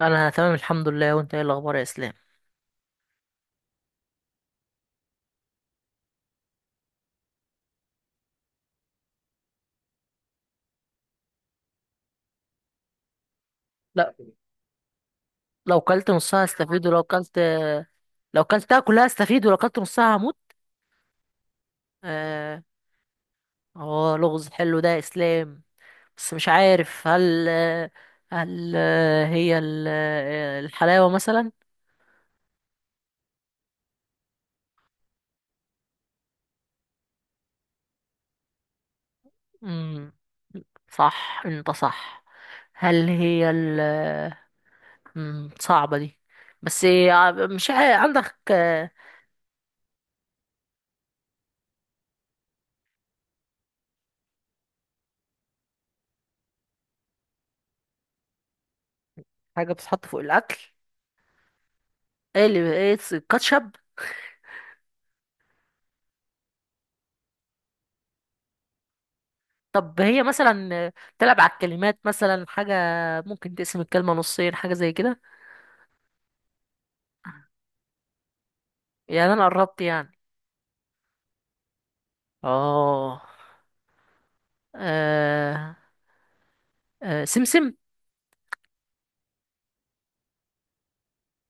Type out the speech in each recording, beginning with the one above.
انا تمام الحمد لله، وانت ايه الاخبار يا اسلام؟ لا. لو كلت نصها هستفيد ولو كلت لو كلتها كلها هستفيد ولو كلت نصها هموت. اه. لغز حلو ده يا اسلام، بس مش عارف، هل هي الحلاوة مثلا. مم، صح، انت صح. هل هي ال صعبة دي. بس إيه، مش عارف، عندك حاجة بتتحط فوق الأكل. ايه الكاتشب؟ طب هي مثلا تلعب على الكلمات، مثلا حاجة ممكن تقسم الكلمة نصين، حاجة زي كده. يعني أنا قربت يعني. آه آه سمسم.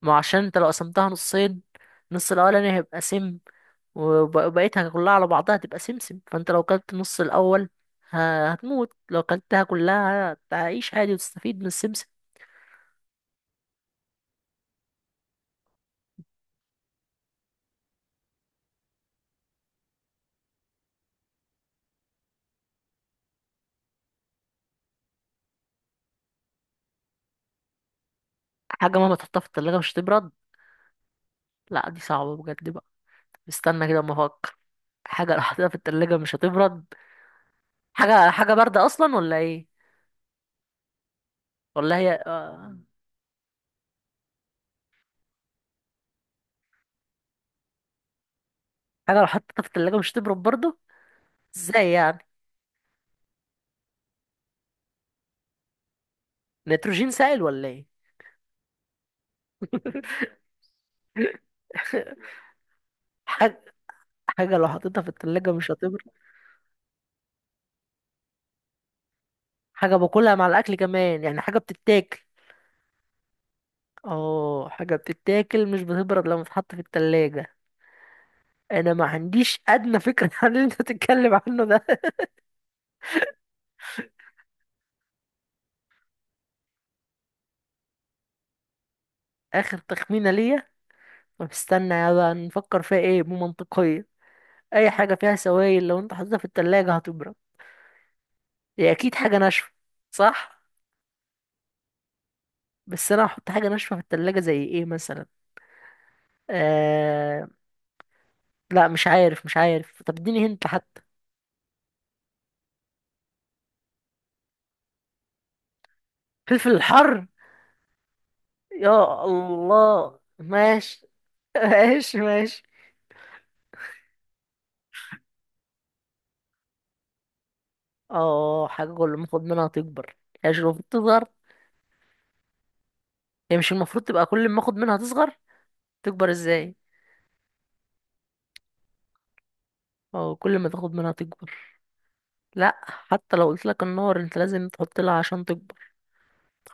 ما عشان أنت لو قسمتها نصين، النص الأولاني هيبقى سم، وبقيتها كلها على بعضها هتبقى سمسم، فأنت لو كلت النص الأول هتموت، لو كلتها كلها هتعيش عادي وتستفيد من السمسم. حاجة مهما تحطها في التلاجة مش هتبرد؟ لا، دي صعبة بجد بقى. استنى كده أما أفكر. حاجة لو حطيتها في التلاجة مش هتبرد. حاجة باردة أصلا ولا إيه؟ ولا هي حاجة لو حطيتها في التلاجة مش تبرد برضه؟ إزاي يعني؟ نيتروجين سائل ولا إيه؟ حاجة حاجة لو حطيتها في التلاجة مش هتبرد. حاجة باكلها مع الأكل كمان، يعني حاجة بتتاكل. اه، حاجة بتتاكل مش بتبرد لما تتحط في التلاجة. أنا ما عنديش أدنى فكرة عن اللي أنت بتتكلم عنه ده. آخر تخمينة ليا. طب استنى يا بقى نفكر فيها إيه، بمنطقية. أي حاجة فيها سوائل لو أنت حطيتها في التلاجة هتبرد، هي اكيد حاجه ناشفه، صح؟ بس انا هحط حاجه ناشفه في التلاجة زي ايه مثلا؟ آه... لا، مش عارف، طب اديني هنت حتى. فلفل الحر؟ يا الله ماشي. ماشي، ماشي. اه حاجه كل ما اخد منها تكبر، هي مش المفروض تصغر؟ هي مش المفروض تبقى كل ما اخد منها تصغر؟ تكبر ازاي؟ اه، كل ما تاخد منها تكبر. لا، حتى لو قلت لك النار، انت لازم تحط لها عشان تكبر.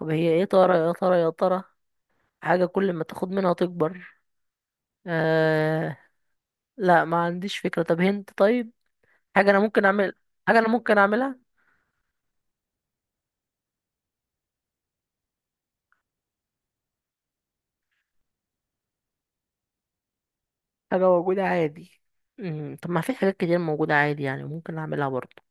طب هي ايه، ترى يا ترى يا ترى؟ حاجه كل ما تاخد منها تكبر. آه... لا، ما عنديش فكرة، طب هنت طيب. حاجة أنا ممكن أعمل. حاجة أنا ممكن أعملها. حاجة موجودة عادي. مم. طب ما في حاجات كتير موجودة عادي يعني، ممكن أعملها برضه.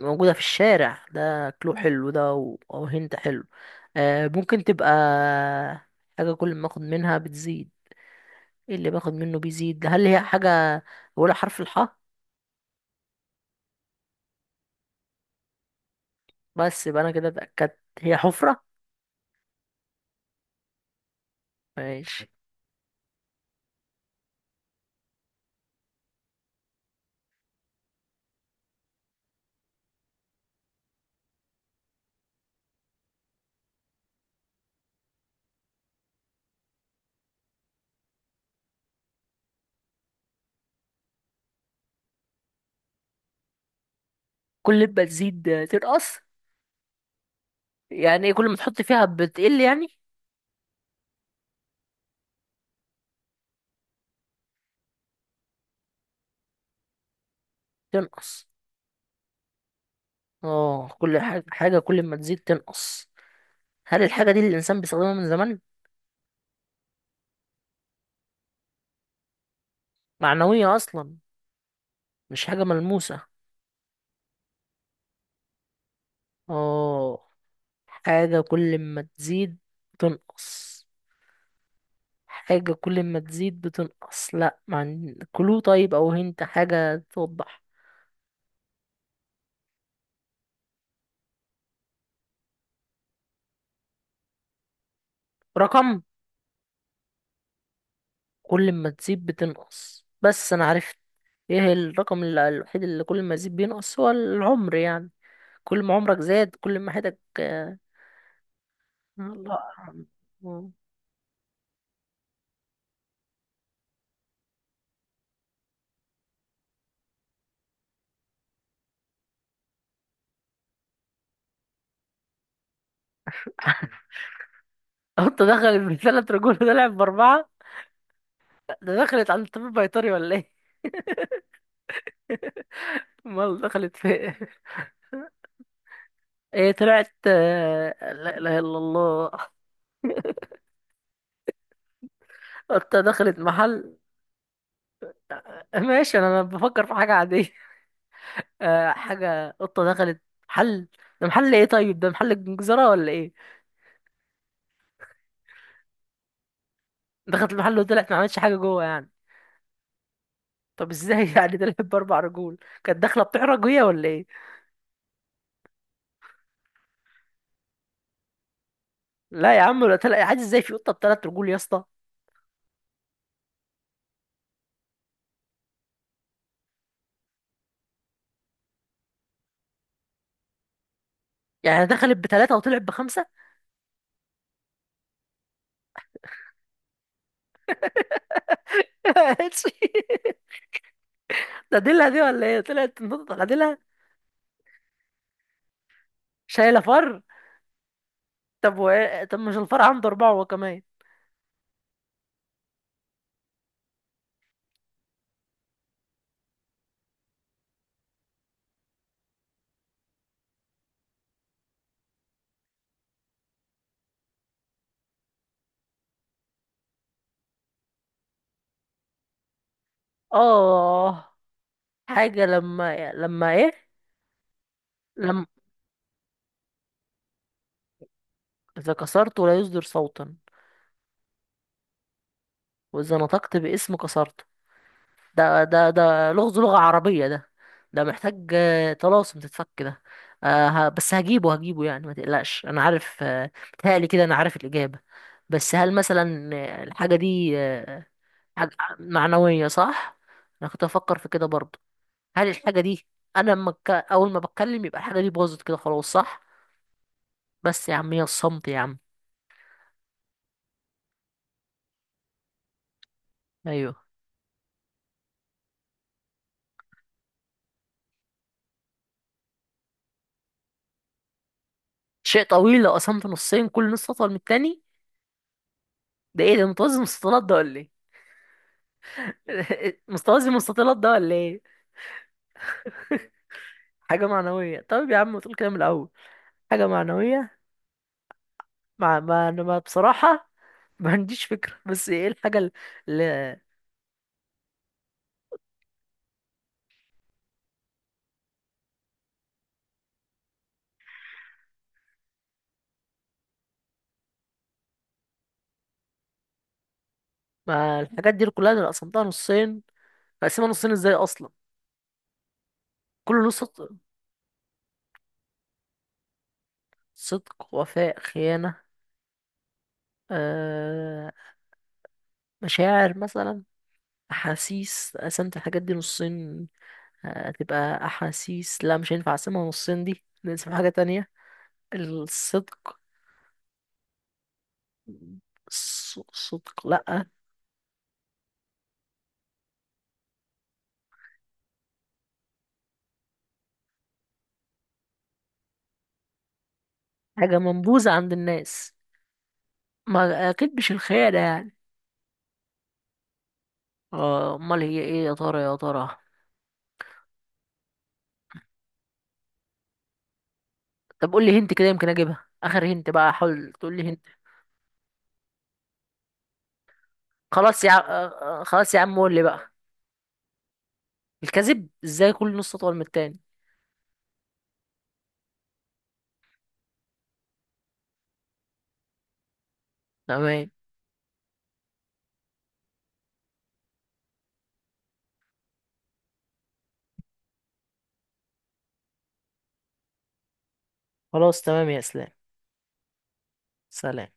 موجودة في الشارع، ده كلو حلو ده أو هنت حلو. آه ممكن تبقى حاجة كل ما باخد منها بتزيد. إيه اللي باخد منه بيزيد؟ هل هي حاجة أولها حرف الحاء؟ بس يبقى أنا كده اتأكدت، هي حفرة. ماشي. كل ما تزيد تنقص؟ يعني إيه، كل ما تحط فيها بتقل يعني؟ تنقص. اه، كل حاجة حاجة كل ما تزيد تنقص. هل الحاجة دي اللي الإنسان بيستخدمها من زمان؟ معنوية أصلا؟ مش حاجة ملموسة؟ اه. حاجة كل ما تزيد تنقص. حاجة كل ما تزيد بتنقص، لا مع كلو طيب، أو هنت حاجة توضح. رقم؟ كل ما تزيد بتنقص، بس أنا عرفت. ايه الرقم الوحيد اللي كل ما يزيد بينقص؟ هو العمر يعني. كل ما عمرك زاد، كل ما حياتك الله. قط دخلت من ثلاث رجول طلعت بأربعة؟ ده دخلت على الطبيب بيطري ولا ايه؟ امال دخلت في ايه؟ إيه طلعت، لا إله إلا الله. قطة دخلت محل. ماشي أنا بفكر في حاجة عادية. حاجة، قطة دخلت محل. ده محل ايه طيب؟ ده محل جزرة ولا ايه؟ دخلت المحل وطلعت، ما عملتش حاجة جوه يعني؟ طب ازاي يعني طلعت بأربع رجول؟ كانت داخلة بتحرج هي ولا ايه؟ لا يا عم، ولا طلع عادي، ازاي في قطة بثلاث رجول يا اسطى؟ يعني دخلت بثلاثة وطلعت بخمسة؟ ماشي. ده ديلها دي ولا ايه، طلعت نقطة غديلها؟ شايلة فر. طب و... طب مش الفر عنده أربعة هو كمان؟ اه. حاجة لما ايه؟ لما إذا كسرته لا يصدر صوتا، وإذا نطقت باسم كسرته. ده لغز لغة عربية ده. ده محتاج طلاسم تتفك ده. بس هجيبه يعني، ما تقلقش أنا عارف، متهيألي كده أنا عارف الإجابة. بس هل مثلا الحاجة دي حاجة معنوية، صح؟ أنا كنت أفكر في كده برضه. هل الحاجة دي، أنا أول ما بتكلم يبقى الحاجة دي باظت كده خلاص، صح؟ بس يا عم هي الصمت يا عم. أيوه. شيء طويل لو قسمته نصين كل نص أطول من التاني. ده إيه ده، متوازي المستطيلات ده ولا إيه؟ متوازي المستطيلات ده ولا إيه؟ حاجة معنوية، طيب يا عم ما تقول كده من الأول. حاجة معنوية. مع ما أنا بصراحة ما عنديش فكرة، بس إيه الحاجة اللي... ما الحاجات دي كلها أنا قسمتها نصين، بقسمها نصين إزاي أصلا؟ كل نص. صدق، وفاء، خيانة. أه... مشاعر مثلا، احاسيس قسمت الحاجات دي نصين هتبقى احاسيس. لا، مش هينفع اقسمها نصين، دي نقسم حاجة تانية. الصدق. صدق، لا. حاجة منبوذة عند الناس. ما اكيد مش الخيانة يعني. امال هي ايه يا ترى يا ترى؟ طب قول لي هنت كده يمكن اجيبها، اخر هنت بقى، حاول تقول لي هنت. خلاص يا ع- آه، آه، خلاص يا عم قول لي بقى. الكذب ازاي كل نص اطول من التاني؟ تمام. خلاص تمام يا اسلام. سلام.